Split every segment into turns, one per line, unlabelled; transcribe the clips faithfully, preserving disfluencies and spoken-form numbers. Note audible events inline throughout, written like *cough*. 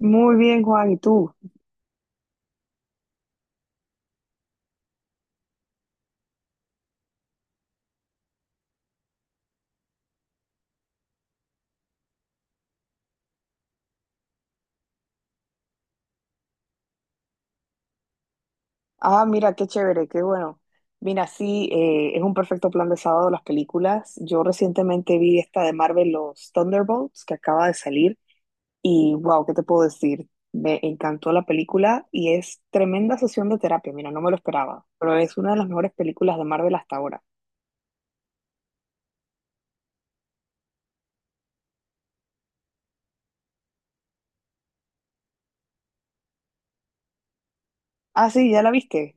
Muy bien, Juan, ¿y tú? Ah, mira, qué chévere, qué bueno. Mira, sí, eh, es un perfecto plan de sábado las películas. Yo recientemente vi esta de Marvel, los Thunderbolts, que acaba de salir, y wow, ¿qué te puedo decir? Me encantó la película y es tremenda sesión de terapia, mira, no me lo esperaba, pero es una de las mejores películas de Marvel hasta ahora. Ah, sí, ¿ya la viste?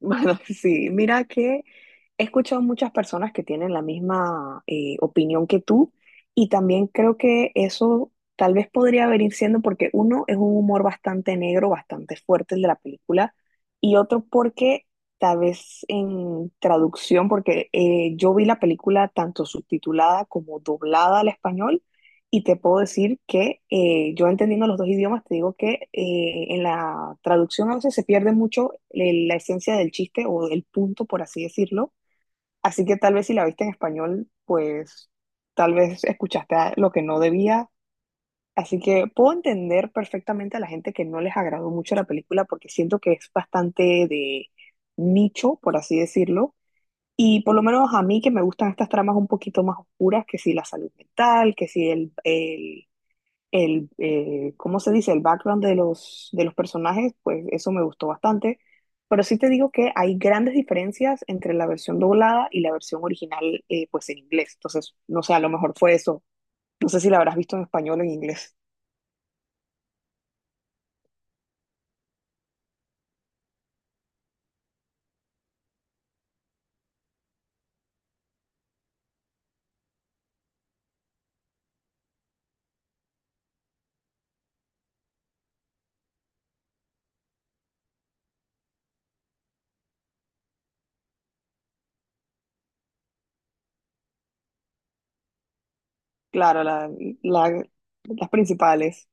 Bueno, *laughs* sí, mira que he escuchado muchas personas que tienen la misma eh, opinión que tú y también creo que eso tal vez podría venir siendo porque uno es un humor bastante negro, bastante fuerte el de la película y otro porque tal vez en traducción, porque eh, yo vi la película tanto subtitulada como doblada al español y te puedo decir que eh, yo entendiendo los dos idiomas, te digo que eh, en la traducción a veces se pierde mucho el- la esencia del chiste o el punto, por así decirlo. Así que tal vez si la viste en español, pues tal vez escuchaste a- lo que no debía. Así que puedo entender perfectamente a la gente que no les agradó mucho la película porque siento que es bastante de nicho, por así decirlo. Y por lo menos a mí que me gustan estas tramas un poquito más oscuras, que si la salud mental, que si el, el- el, eh, ¿cómo se dice? El background de los, de los personajes, pues eso me gustó bastante. Pero sí te digo que hay grandes diferencias entre la versión doblada y la versión original, eh, pues en inglés. Entonces, no sé, a lo mejor fue eso. No sé si la habrás visto en español o en inglés. Claro, la, la- las principales.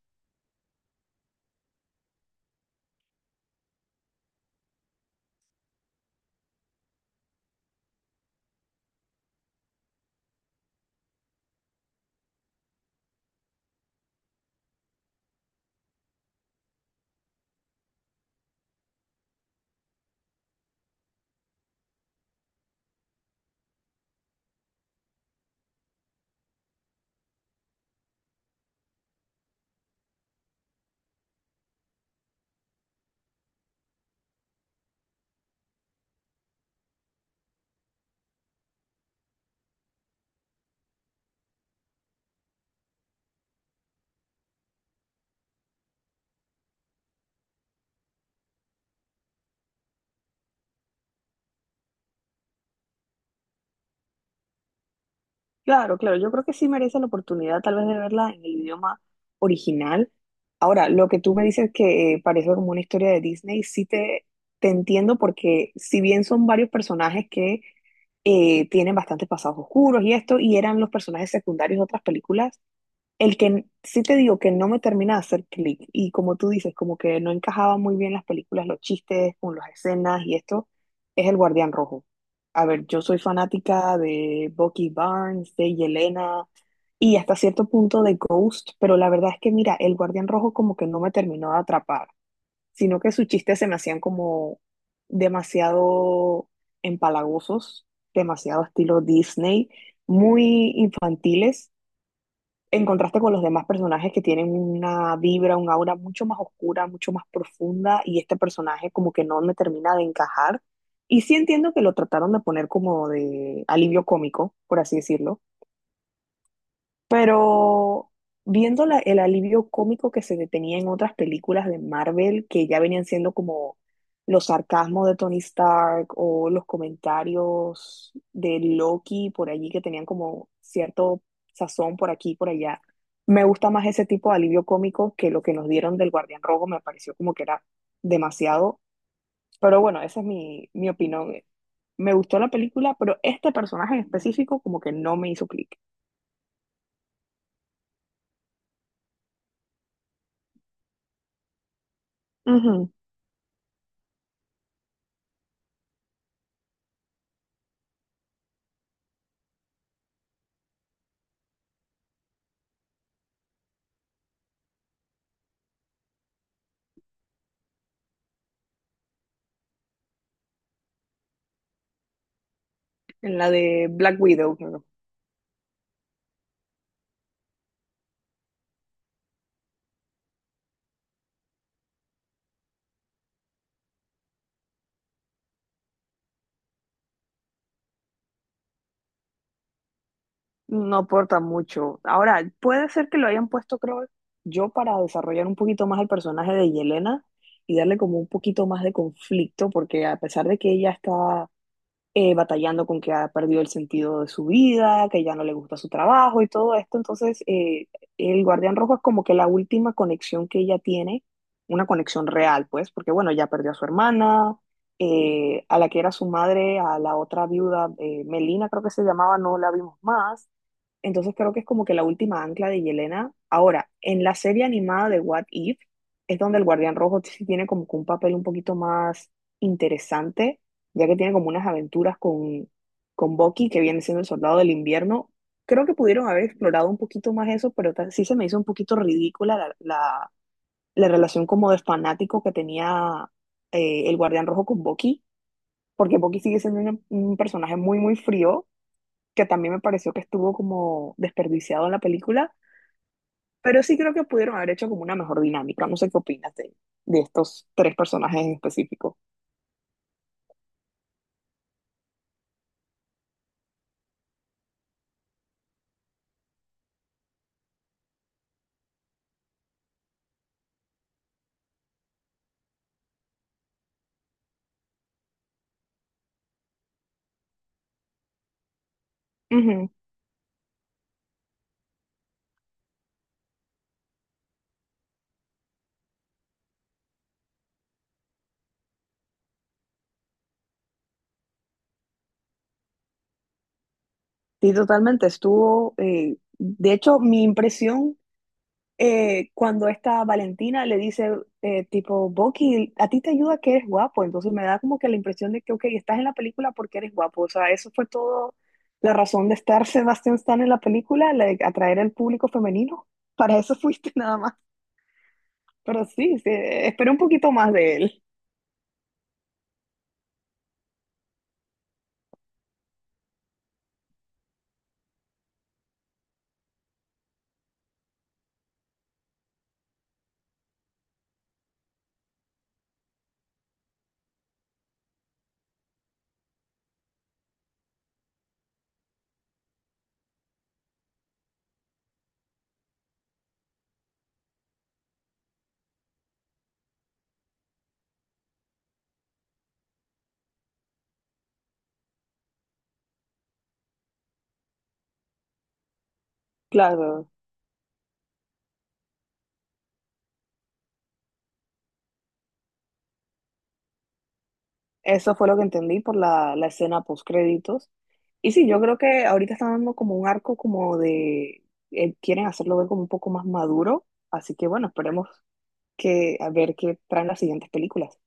Claro, claro, yo creo que sí merece la oportunidad tal vez de verla en el idioma original. Ahora, lo que tú me dices que eh, parece como una historia de Disney, sí te, te entiendo porque si bien son varios personajes que eh, tienen bastantes pasados oscuros y esto, y eran los personajes secundarios de otras películas, el que sí te digo que no me termina de hacer clic y como tú dices, como que no encajaba muy bien las películas, los chistes con las escenas y esto, es El Guardián Rojo. A ver, yo soy fanática de Bucky Barnes, de Yelena y hasta cierto punto de Ghost, pero la verdad es que mira, El Guardián Rojo como que no me terminó de atrapar, sino que sus chistes se me hacían como demasiado empalagosos, demasiado estilo Disney, muy infantiles en contraste con los demás personajes que tienen una vibra, un aura mucho más oscura, mucho más profunda, y este personaje como que no me termina de encajar. Y sí entiendo que lo trataron de poner como de alivio cómico, por así decirlo, pero viendo la- el alivio cómico que se detenía en otras películas de Marvel, que ya venían siendo como los sarcasmos de Tony Stark o los comentarios de Loki por allí, que tenían como cierto sazón por aquí y por allá, me gusta más ese tipo de alivio cómico que lo que nos dieron del Guardián Rojo, me pareció como que era demasiado. Pero bueno, esa es mi, mi opinión. Me gustó la película, pero este personaje en específico como que no me hizo clic. En la de Black Widow, creo. No aporta mucho. Ahora, puede ser que lo hayan puesto, creo yo, para desarrollar un poquito más el personaje de Yelena y darle como un poquito más de conflicto, porque a pesar de que ella está eh, batallando con que ha perdido el sentido de su vida, que ya no le gusta su trabajo y todo esto. Entonces, eh, el guardián rojo es como que la última conexión que ella tiene, una conexión real, pues, porque bueno, ya perdió a su hermana, eh, a la que era su madre, a la otra viuda, eh, Melina creo que se llamaba, no la vimos más. Entonces creo que es como que la última ancla de Yelena. Ahora, en la serie animada de What If, es donde el Guardián Rojo sí tiene como que un papel un poquito más interesante, ya que tiene como unas aventuras con, con Bucky, que viene siendo el soldado del invierno. Creo que pudieron haber explorado un poquito más eso, pero ta- sí se me hizo un poquito ridícula la, la- la relación como de fanático que tenía eh, el Guardián Rojo con Bucky, porque Bucky sigue siendo un, un personaje muy, muy frío, que también me pareció que estuvo como desperdiciado en la película, pero sí creo que pudieron haber hecho como una mejor dinámica. No sé qué opinas de, de estos tres personajes en específico. Sí, totalmente. Estuvo, eh, de hecho, mi impresión eh, cuando esta Valentina le dice, eh, tipo, Bucky, a ti te ayuda que eres guapo. Entonces me da como que la impresión de que, ok, estás en la película porque eres guapo. O sea, eso fue todo la razón de estar Sebastián Stan en la película, la de atraer al público femenino. Para eso fuiste *laughs* nada más. Pero sí, sí, eh, esperé un poquito más de él. Claro. Eso fue lo que entendí por la, la escena post créditos. Y sí, yo creo que ahorita están dando como un arco como de, eh, quieren hacerlo ver como un poco más maduro. Así que bueno, esperemos que a ver qué traen las siguientes películas.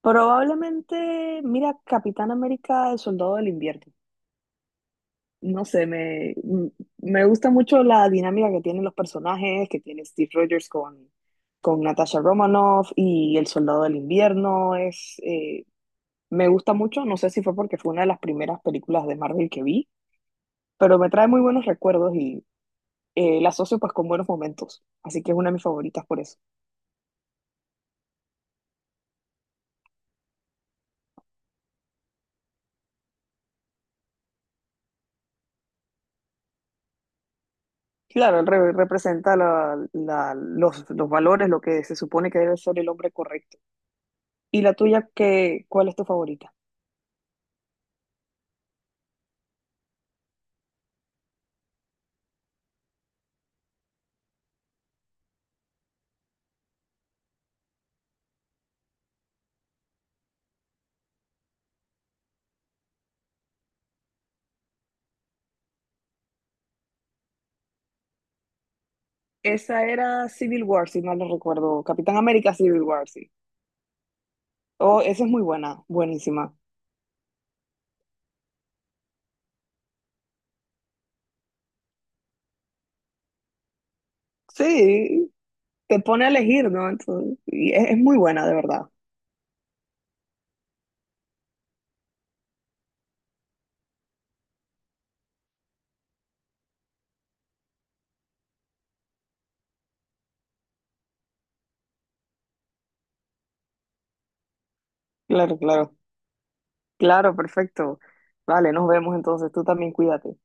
Probablemente, mira, Capitán América, el Soldado del Invierno. No sé, me, m- me gusta mucho la dinámica que tienen los personajes, que tiene Steve Rogers con, con Natasha Romanoff y el Soldado del Invierno. Es, eh, me gusta mucho, no sé si fue porque fue una de las primeras películas de Marvel que vi, pero me trae muy buenos recuerdos y eh, la asocio pues con buenos momentos, así que es una de mis favoritas por eso. Claro, él re- representa la- la- los, los valores, lo que se supone que debe ser el hombre correcto. ¿Y la tuya, qué, cuál es tu favorita? Esa era Civil War, si mal no recuerdo, Capitán América Civil War, sí. Oh, esa es muy buena, buenísima. Sí, te pone a elegir, ¿no? Entonces, y es, es muy buena, de verdad. Claro, claro. Claro, perfecto. Vale, nos vemos entonces. Tú también cuídate.